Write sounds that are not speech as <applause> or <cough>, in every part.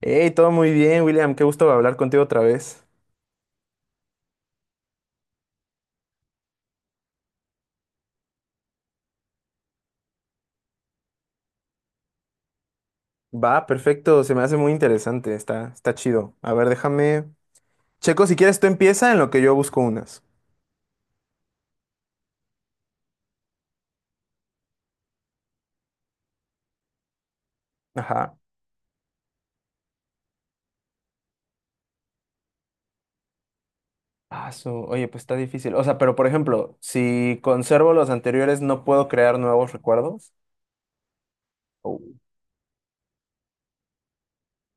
Hey, todo muy bien, William. Qué gusto hablar contigo otra vez. Va, perfecto. Se me hace muy interesante. Está chido. A ver, déjame. Checo, si quieres, tú empieza en lo que yo busco unas. Ajá. Ah, Oye, pues está difícil. O sea, pero por ejemplo, si conservo los anteriores, ¿no puedo crear nuevos recuerdos? Oh.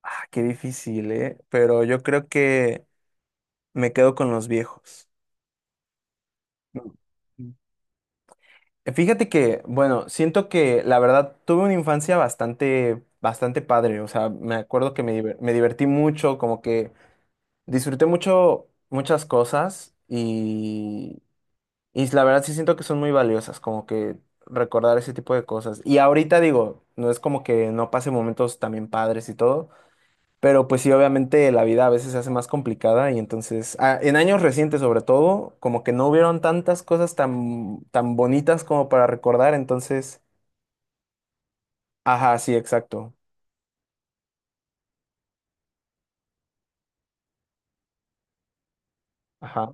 Ah, qué difícil, ¿eh? Pero yo creo que me quedo con los viejos. Mm. Fíjate que, bueno, siento que la verdad tuve una infancia bastante, bastante padre. O sea, me acuerdo que me divertí mucho, como que disfruté mucho muchas cosas y la verdad sí siento que son muy valiosas, como que recordar ese tipo de cosas. Y ahorita digo, no es como que no pase momentos también padres y todo, pero pues sí, obviamente la vida a veces se hace más complicada y entonces, en años recientes sobre todo, como que no hubieron tantas cosas tan, tan bonitas como para recordar, entonces, ajá, sí, exacto, ajá,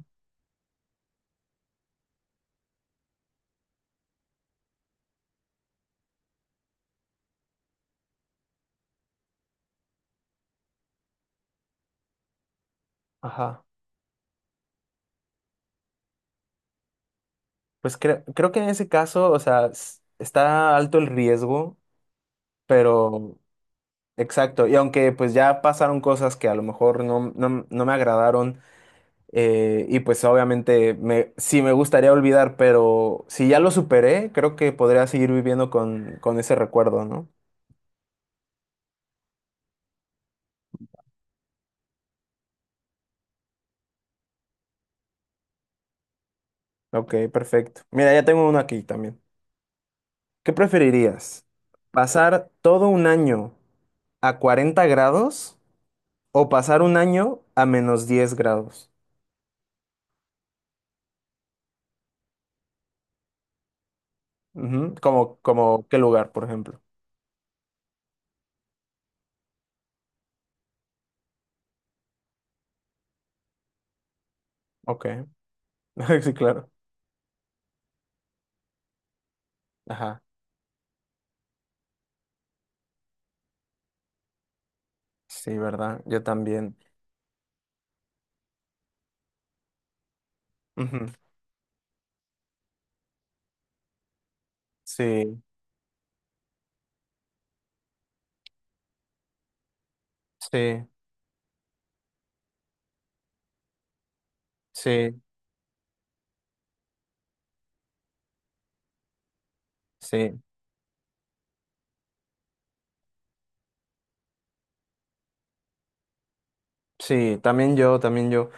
ajá. Pues creo que en ese caso, o sea, está alto el riesgo, pero exacto, y aunque pues ya pasaron cosas que a lo mejor no me agradaron. Y pues obviamente sí me gustaría olvidar, pero si ya lo superé, creo que podría seguir viviendo con ese recuerdo, ¿no? Ok, perfecto. Mira, ya tengo uno aquí también. ¿Qué preferirías? ¿Pasar todo un año a 40 grados o pasar un año a menos diez grados? Ujú. Como qué lugar, por ejemplo. Ok, <laughs> sí, claro. Ajá, sí, ¿verdad? Yo también. Ujú. Sí, sí, sí, sí. Sí, también yo, también yo.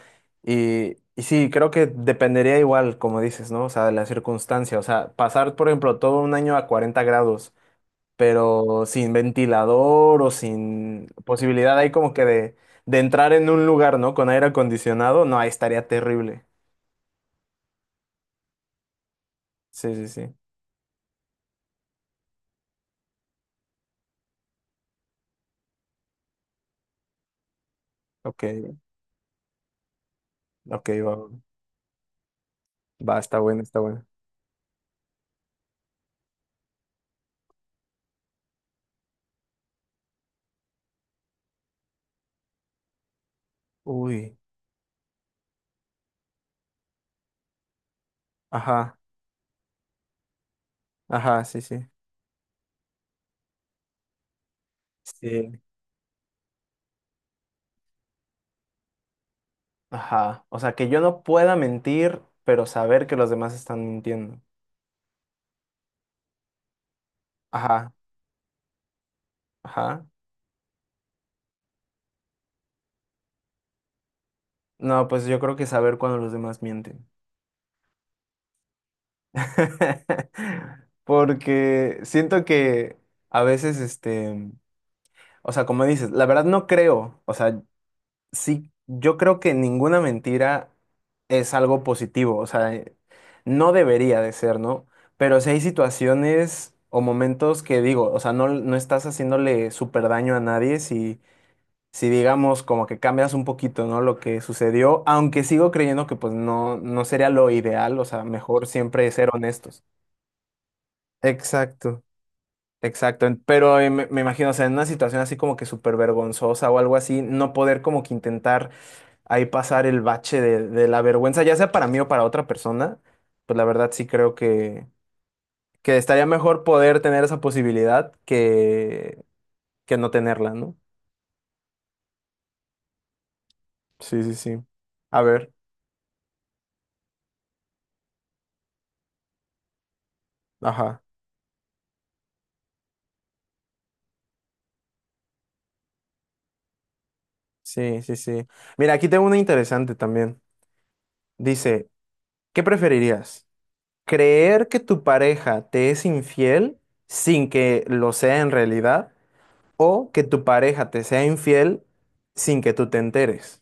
Y sí, creo que dependería igual, como dices, ¿no? O sea, de la circunstancia. O sea, pasar, por ejemplo, todo un año a 40 grados, pero sin ventilador o sin posibilidad ahí como que de, entrar en un lugar, ¿no? Con aire acondicionado, no, ahí estaría terrible. Sí, sí, sí. Ok, ok, va, va, está bueno, está bueno. Uy, ajá, ajá, sí, sí. Sí, ajá. O sea, que yo no pueda mentir, pero saber que los demás están mintiendo. Ajá, ajá. No, pues yo creo que saber cuando los demás mienten. <laughs> Porque siento que a veces, este, o sea, como dices, la verdad no creo, o sea, sí, yo creo que ninguna mentira es algo positivo, o sea, no debería de ser, ¿no? Pero si hay situaciones o momentos que digo, o sea, no estás haciéndole súper daño a nadie si digamos como que cambias un poquito, ¿no? Lo que sucedió, aunque sigo creyendo que pues no sería lo ideal, o sea, mejor siempre ser honestos. Exacto, exacto, pero me imagino, o sea, en una situación así como que súper vergonzosa o algo así, no poder como que intentar ahí pasar el bache de la vergüenza, ya sea para mí o para otra persona, pues la verdad sí creo que estaría mejor poder tener esa posibilidad que no tenerla, ¿no? Sí, sí, sí. A ver, ajá. Sí, sí, sí. Mira, aquí tengo una interesante también. Dice, ¿qué preferirías? ¿Creer que tu pareja te es infiel sin que lo sea en realidad? ¿O que tu pareja te sea infiel sin que tú te enteres?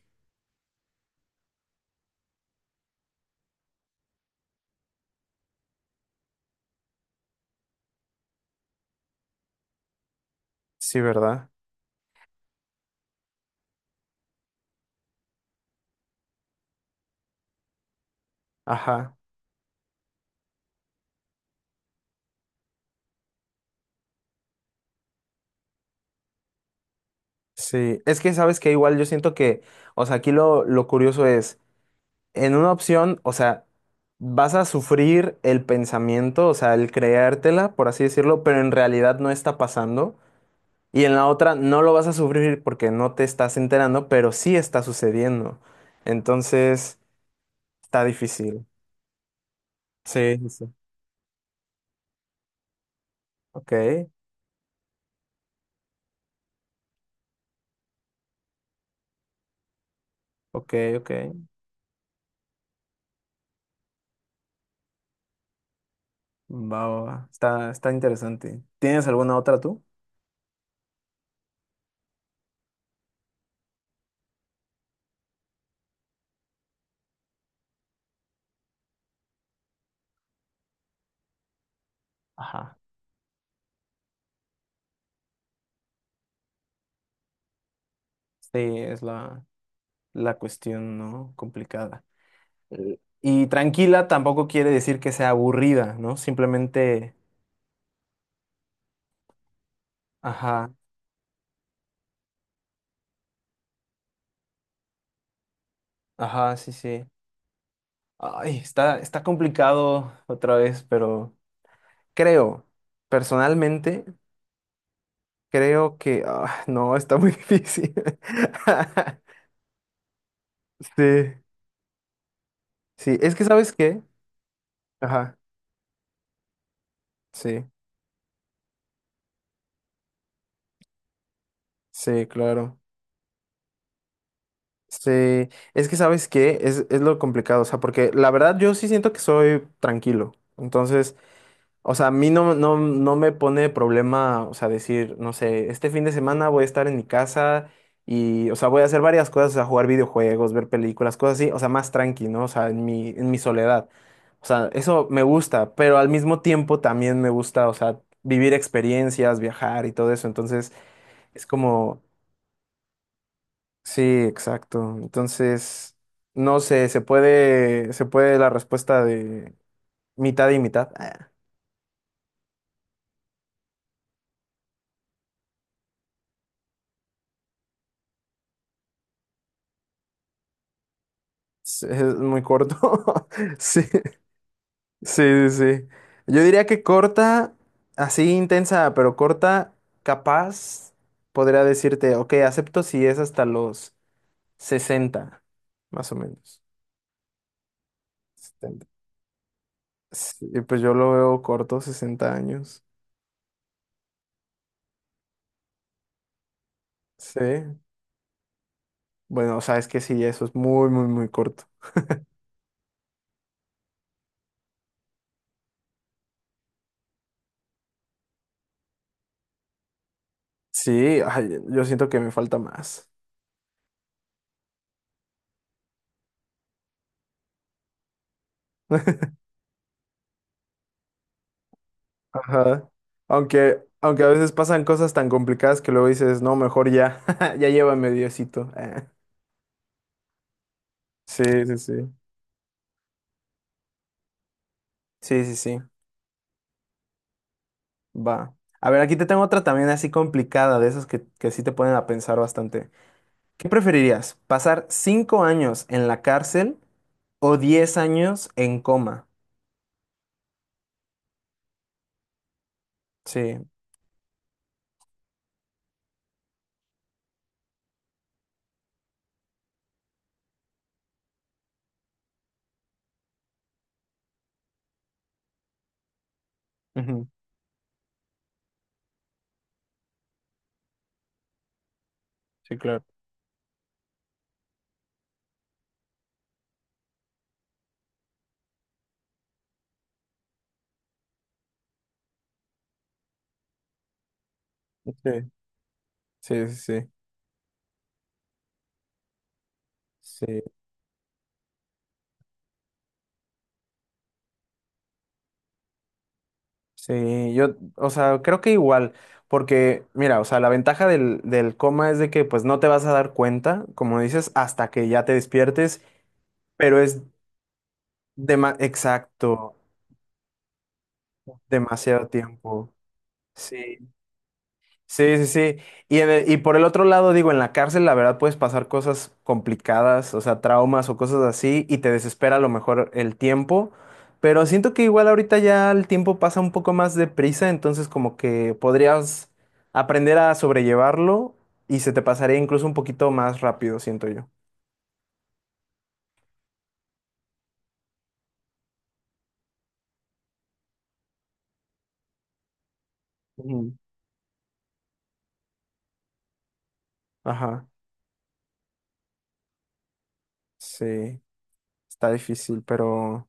Sí, ¿verdad? Ajá. Sí. Es que sabes que igual yo siento que, o sea, aquí lo curioso es, en una opción, o sea, vas a sufrir el pensamiento, o sea, el creértela, por así decirlo, pero en realidad no está pasando. Y en la otra no lo vas a sufrir porque no te estás enterando, pero sí está sucediendo. Entonces, está difícil. Sí, sí, sí. Ok, ok, ok. Va, va, va. Está interesante. ¿Tienes alguna otra tú? Ajá. Sí, es la cuestión, ¿no? Complicada. Y tranquila tampoco quiere decir que sea aburrida, ¿no? Simplemente, ajá, ajá, sí, sí. Ay, está complicado otra vez, pero creo personalmente. Creo que, ah, no, está muy <laughs> difícil. <laughs> Sí, sí, es que ¿sabes qué? Ajá, sí, sí, claro. Sí, es que ¿sabes qué? Es lo complicado, o sea, porque la verdad yo sí siento que soy tranquilo. Entonces, o sea, a mí no me pone problema, o sea, decir, no sé, este fin de semana voy a estar en mi casa y, o sea, voy a hacer varias cosas, o sea, jugar videojuegos, ver películas, cosas así, o sea, más tranqui, ¿no? O sea, en mi soledad. O sea, eso me gusta, pero al mismo tiempo también me gusta, o sea, vivir experiencias, viajar y todo eso. Entonces, es como, sí, exacto. Entonces, no sé, se puede la respuesta de mitad y mitad. Ah, es muy corto. <laughs> Sí. Sí, sí, sí. Yo diría que corta, así intensa, pero corta, capaz, podría decirte, ok, acepto si es hasta los 60, más o menos. 70. Sí, pues yo lo veo corto, 60 años. Sí. Bueno, o sea, es que sí, eso es muy, muy, muy corto. Sí, ay, yo siento que me falta más. <laughs> Ajá. Aunque a veces pasan cosas tan complicadas que luego dices, no, mejor ya, <laughs> ya llévame Diosito. <laughs> Sí, sí, sí. Sí, sí, sí, va. A ver, aquí te tengo otra también así complicada, de esas que sí te ponen a pensar bastante. ¿Qué preferirías? ¿Pasar cinco años en la cárcel o diez años en coma? Sí, ujú, sí, claro. Sí, sí, sí, sí. Sí, sí, yo, o sea, creo que igual, porque, mira, o sea, la ventaja del coma es de que, pues, no te vas a dar cuenta, como dices, hasta que ya te despiertes, pero exacto, demasiado tiempo. Sí, sí, sí, sí. Y, y por el otro lado, digo, en la cárcel, la verdad, puedes pasar cosas complicadas, o sea, traumas o cosas así, y te desespera a lo mejor el tiempo. Pero siento que igual ahorita ya el tiempo pasa un poco más deprisa, entonces como que podrías aprender a sobrellevarlo y se te pasaría incluso un poquito más rápido, siento yo. Ujú. Ajá, sí, está difícil, pero...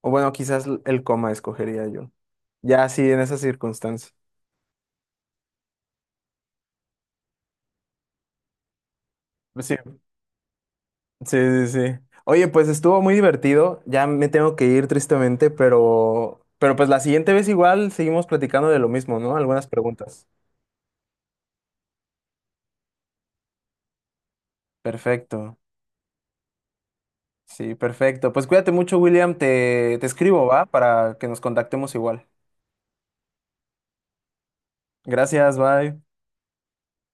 O bueno, quizás el coma escogería yo. Ya, sí, en esas circunstancias sí. Sí, sí, sí. Oye, pues estuvo muy divertido. Ya me tengo que ir tristemente, pero, pues la siguiente vez igual seguimos platicando de lo mismo, ¿no? Algunas preguntas. Perfecto. Sí, perfecto. Pues cuídate mucho, William. Te escribo, ¿va? Para que nos contactemos igual. Gracias, bye.